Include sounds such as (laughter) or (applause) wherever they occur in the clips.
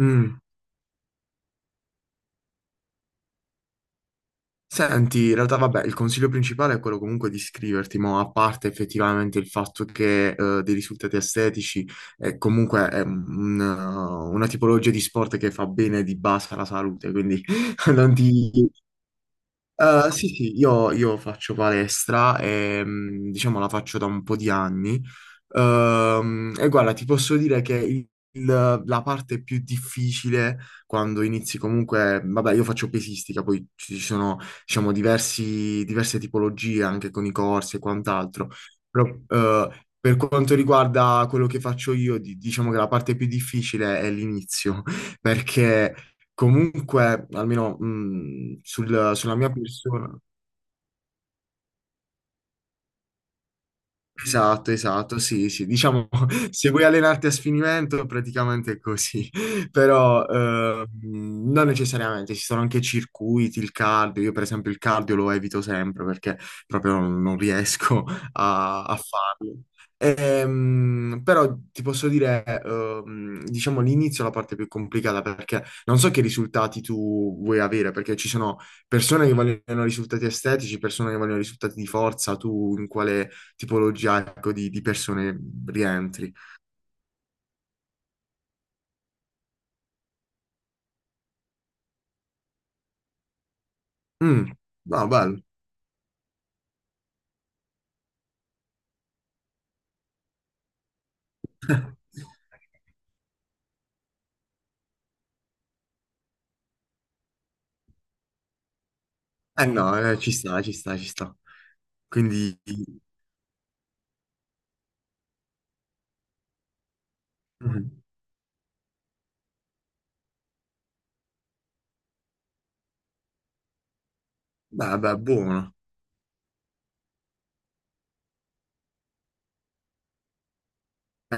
Mm. Senti, in realtà vabbè, il consiglio principale è quello comunque di iscriverti, ma a parte effettivamente il fatto che dei risultati estetici è comunque una tipologia di sport che fa bene di base alla salute, quindi (laughs) non ti. Sì, sì, io faccio palestra e diciamo la faccio da un po' di anni. E guarda, ti posso dire che la parte più difficile quando inizi comunque, vabbè, io faccio pesistica, poi ci sono, diciamo, diverse tipologie anche con i corsi e quant'altro. Però, per quanto riguarda quello che faccio io, diciamo che la parte più difficile è l'inizio, (laughs) perché. Comunque, almeno sulla mia persona. Esatto, esatto, sì, sì, diciamo, (laughs) se vuoi allenarti a sfinimento, praticamente è così, (laughs) però non necessariamente, ci sono anche circuiti, il cardio, io per esempio il cardio lo evito sempre perché proprio non riesco a farlo. Però ti posso dire, diciamo, l'inizio è la parte più complicata perché non so che risultati tu vuoi avere, perché ci sono persone che vogliono risultati estetici, persone che vogliono risultati di forza, tu in quale tipologia ecco, di persone rientri. Mm, no, bello. (laughs) Eh no, ci sta, ci sta, ci sta. Quindi, mm, beh, beh, buono.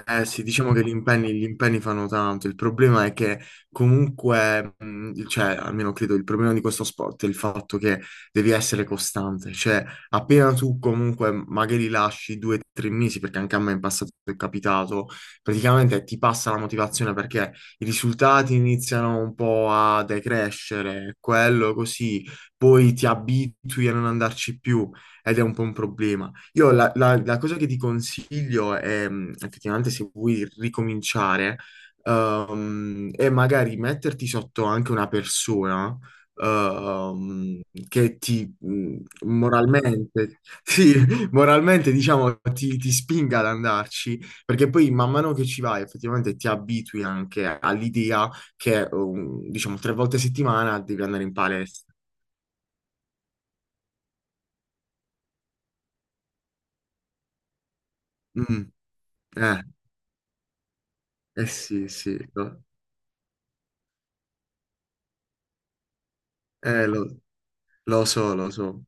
Eh sì, diciamo che gli impegni fanno tanto, il problema è che comunque, cioè almeno credo il problema di questo sport è il fatto che devi essere costante, cioè appena tu comunque magari lasci 2 o 3 mesi, perché anche a me in passato è capitato, praticamente ti passa la motivazione perché i risultati iniziano un po' a decrescere, quello così, poi ti abitui a non andarci più ed è un po' un problema. Io la cosa che ti consiglio è, effettivamente, se vuoi ricominciare, è magari metterti sotto anche una persona, ehm, che ti, moralmente, (laughs) sì, moralmente, diciamo, ti spinga ad andarci, perché poi man mano che ci vai, effettivamente ti abitui anche all'idea che, diciamo, 3 volte a settimana devi andare in palestra. Mm, eh, eh sì, sì, eh, lo- Lo so, lo so.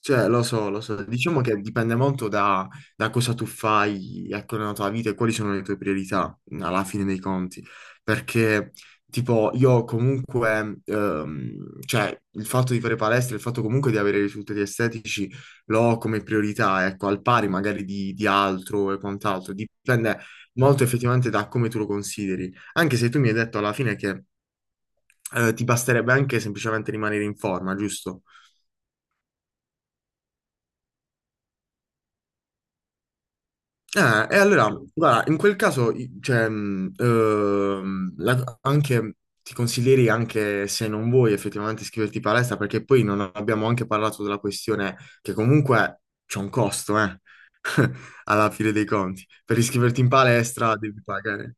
Cioè, lo so, lo so. Diciamo che dipende molto da cosa tu fai, a qual è la tua vita e quali sono le tue priorità, alla fine dei conti. Perché, tipo, io comunque, cioè, il fatto di fare palestra, il fatto comunque di avere risultati estetici, lo ho come priorità, ecco, al pari magari di altro e quant'altro. Dipende molto effettivamente da come tu lo consideri. Anche se tu mi hai detto alla fine che, ti basterebbe anche semplicemente rimanere in forma, giusto? Eh, e allora, guarda, in quel caso, cioè, anche, ti consiglierei anche se non vuoi effettivamente iscriverti in palestra, perché poi non abbiamo anche parlato della questione che comunque c'è un costo, (laughs) alla fine dei conti. Per iscriverti in palestra devi pagare.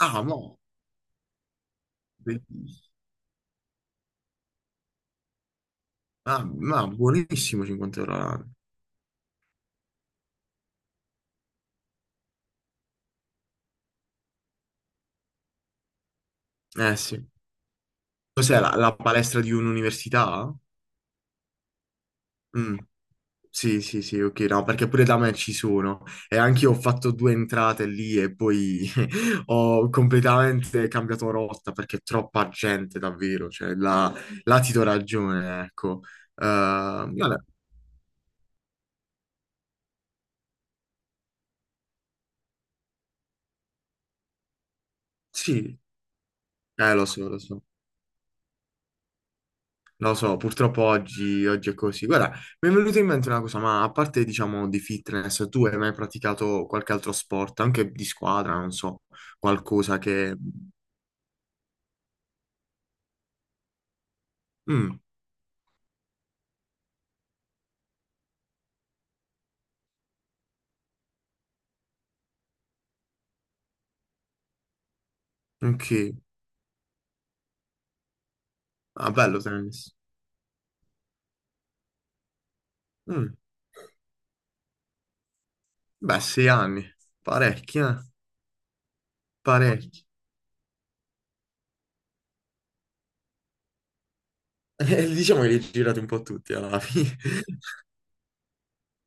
Ah, no, bellissimo. Ah, ma buonissimo 50 euro all'anno. Eh sì. Cos'è la palestra di un'università? Mm. Sì, sì, sì, ok, no, perché pure da me ci sono e anche io ho fatto due entrate lì e poi (laughs) ho completamente cambiato rotta perché è troppa gente davvero, cioè là, là ti do ragione, ecco. Guarda, sì, lo so, lo so, lo so, purtroppo oggi, oggi è così. Guarda, mi è venuta in mente una cosa, ma a parte diciamo di fitness, tu hai mai praticato qualche altro sport, anche di squadra, non so, qualcosa che... Mm, ok, ah, bello tennis. Mm, beh, 6 anni, parecchi, eh? Parecchi. Diciamo che li hai girati un po' tutti alla fine.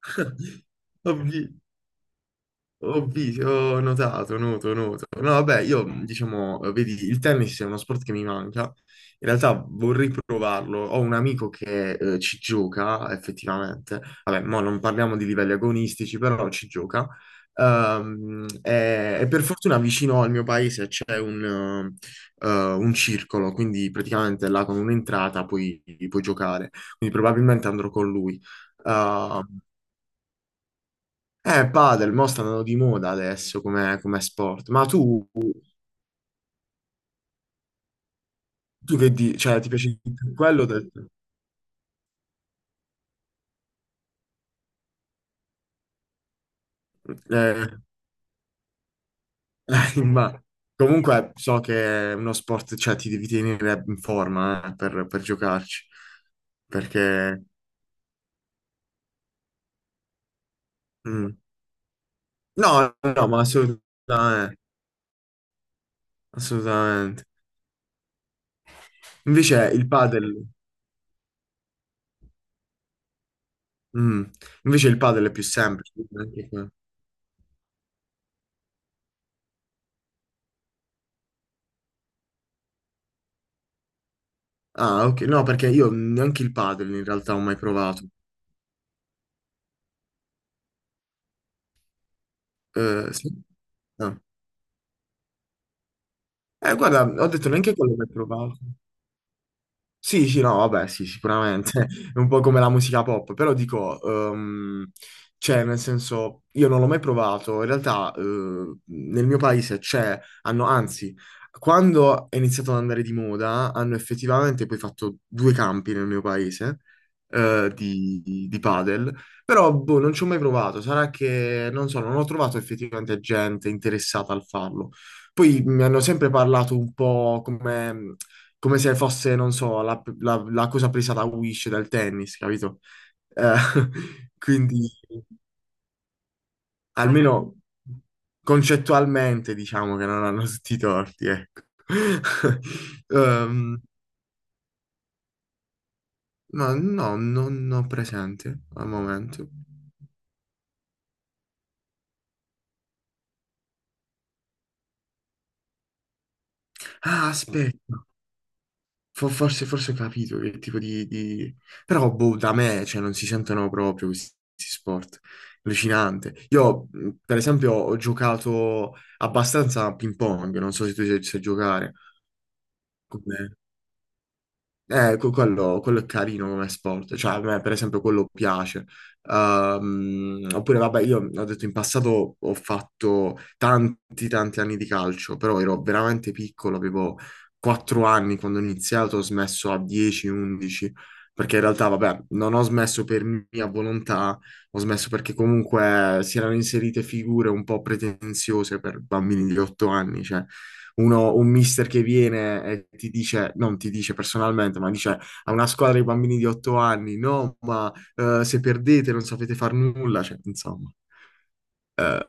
(laughs) Ovvi- Ho visto, ho notato, noto, noto. No, vabbè, io diciamo, vedi, il tennis è uno sport che mi manca. In realtà vorrei provarlo. Ho un amico che ci gioca effettivamente. Vabbè, mo non parliamo di livelli agonistici, però ci gioca. E per fortuna vicino al mio paese c'è un circolo, quindi praticamente là con un'entrata puoi giocare. Quindi probabilmente andrò con lui. Ehm, padel, mo stanno di moda adesso come sport. Ma tu che cioè, ti piace di più quello del- eh, (laughs) ma comunque so che è uno sport, cioè, ti devi tenere in forma, per giocarci. Perché... Mm. No, no, ma assolutamente, assolutamente. Invece il padel... mm, Invece il padel è più semplice anche qua. Ah, ok. No, perché io neanche il padel in realtà ho mai provato. Sì? Ah. Guarda, ho detto neanche quello che hai provato. Sì, sì, no, vabbè, sì, sicuramente (laughs) è un po' come la musica pop, però dico, cioè, nel senso, io non l'ho mai provato, in realtà nel mio paese c'è, hanno, anzi, quando è iniziato ad andare di moda, hanno effettivamente poi fatto due campi nel mio paese di padel, però boh, non ci ho mai provato, sarà che, non so, non ho trovato effettivamente gente interessata al farlo. Poi mi hanno sempre parlato un po' come se fosse, non so, la cosa presa da Wish, dal tennis, capito? Eh, (laughs) quindi, almeno concettualmente, diciamo che non hanno tutti i torti, ecco. (laughs) Ehm, ma no, non ho presente al momento. Ah, aspetta. Forse ho capito che tipo di-. Però, boh, da me, cioè, non si sentono proprio questi sport. Allucinante. Io, per esempio, ho giocato abbastanza a ping pong, non so se tu sai giocare. Quello è carino come sport, cioè a me per esempio quello piace. Oppure vabbè, io ho detto in passato ho fatto tanti tanti anni di calcio, però ero veramente piccolo, avevo 4 anni quando ho iniziato, ho smesso a 10-11, perché in realtà vabbè, non ho smesso per mia volontà, ho smesso perché comunque si erano inserite figure un po' pretenziose per bambini di 8 anni, cioè un mister che viene e ti dice, non ti dice personalmente, ma dice a una squadra di bambini di 8 anni, no, ma se perdete non sapete far nulla, cioè, insomma, eh,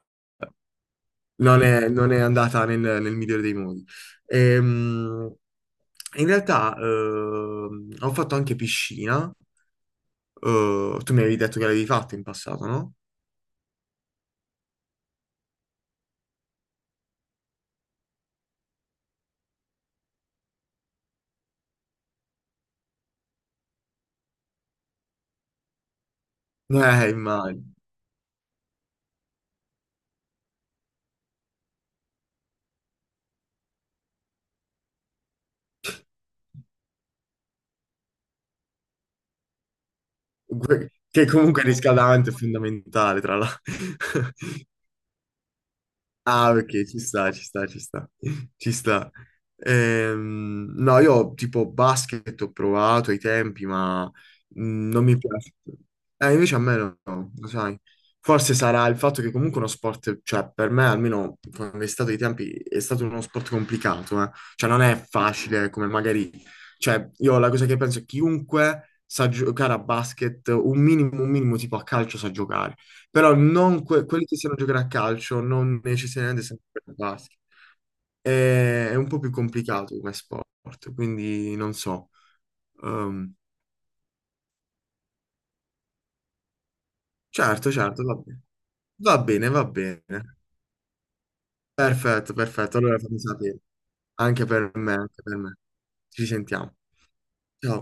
non è andata nel migliore dei modi. Ehm, in realtà ho fatto anche piscina, tu mi avevi detto che l'avevi fatto in passato, no? Immagino. Che comunque il riscaldamento è fondamentale, tra l'altro. (laughs) Ah, ok, ci sta, ci sta, ci sta, (laughs) ci sta. No, io tipo basket ho provato ai tempi, ma non mi piace. Invece a me no, no, lo sai. Forse sarà il fatto che comunque uno sport, cioè per me almeno quando è stato ai tempi, è stato uno sport complicato, eh. Cioè non è facile come magari... Cioè io la cosa che penso è chiunque sa giocare a basket, un minimo, tipo a calcio sa giocare però non quelli che sanno giocare a calcio non necessariamente sanno giocare a basket. È un po' più complicato come sport, quindi non so. Ehm, certo, certo, va bene. Va bene, va bene. Perfetto, perfetto. Allora fammi sapere. Anche per me, anche per me. Ci sentiamo. Ciao.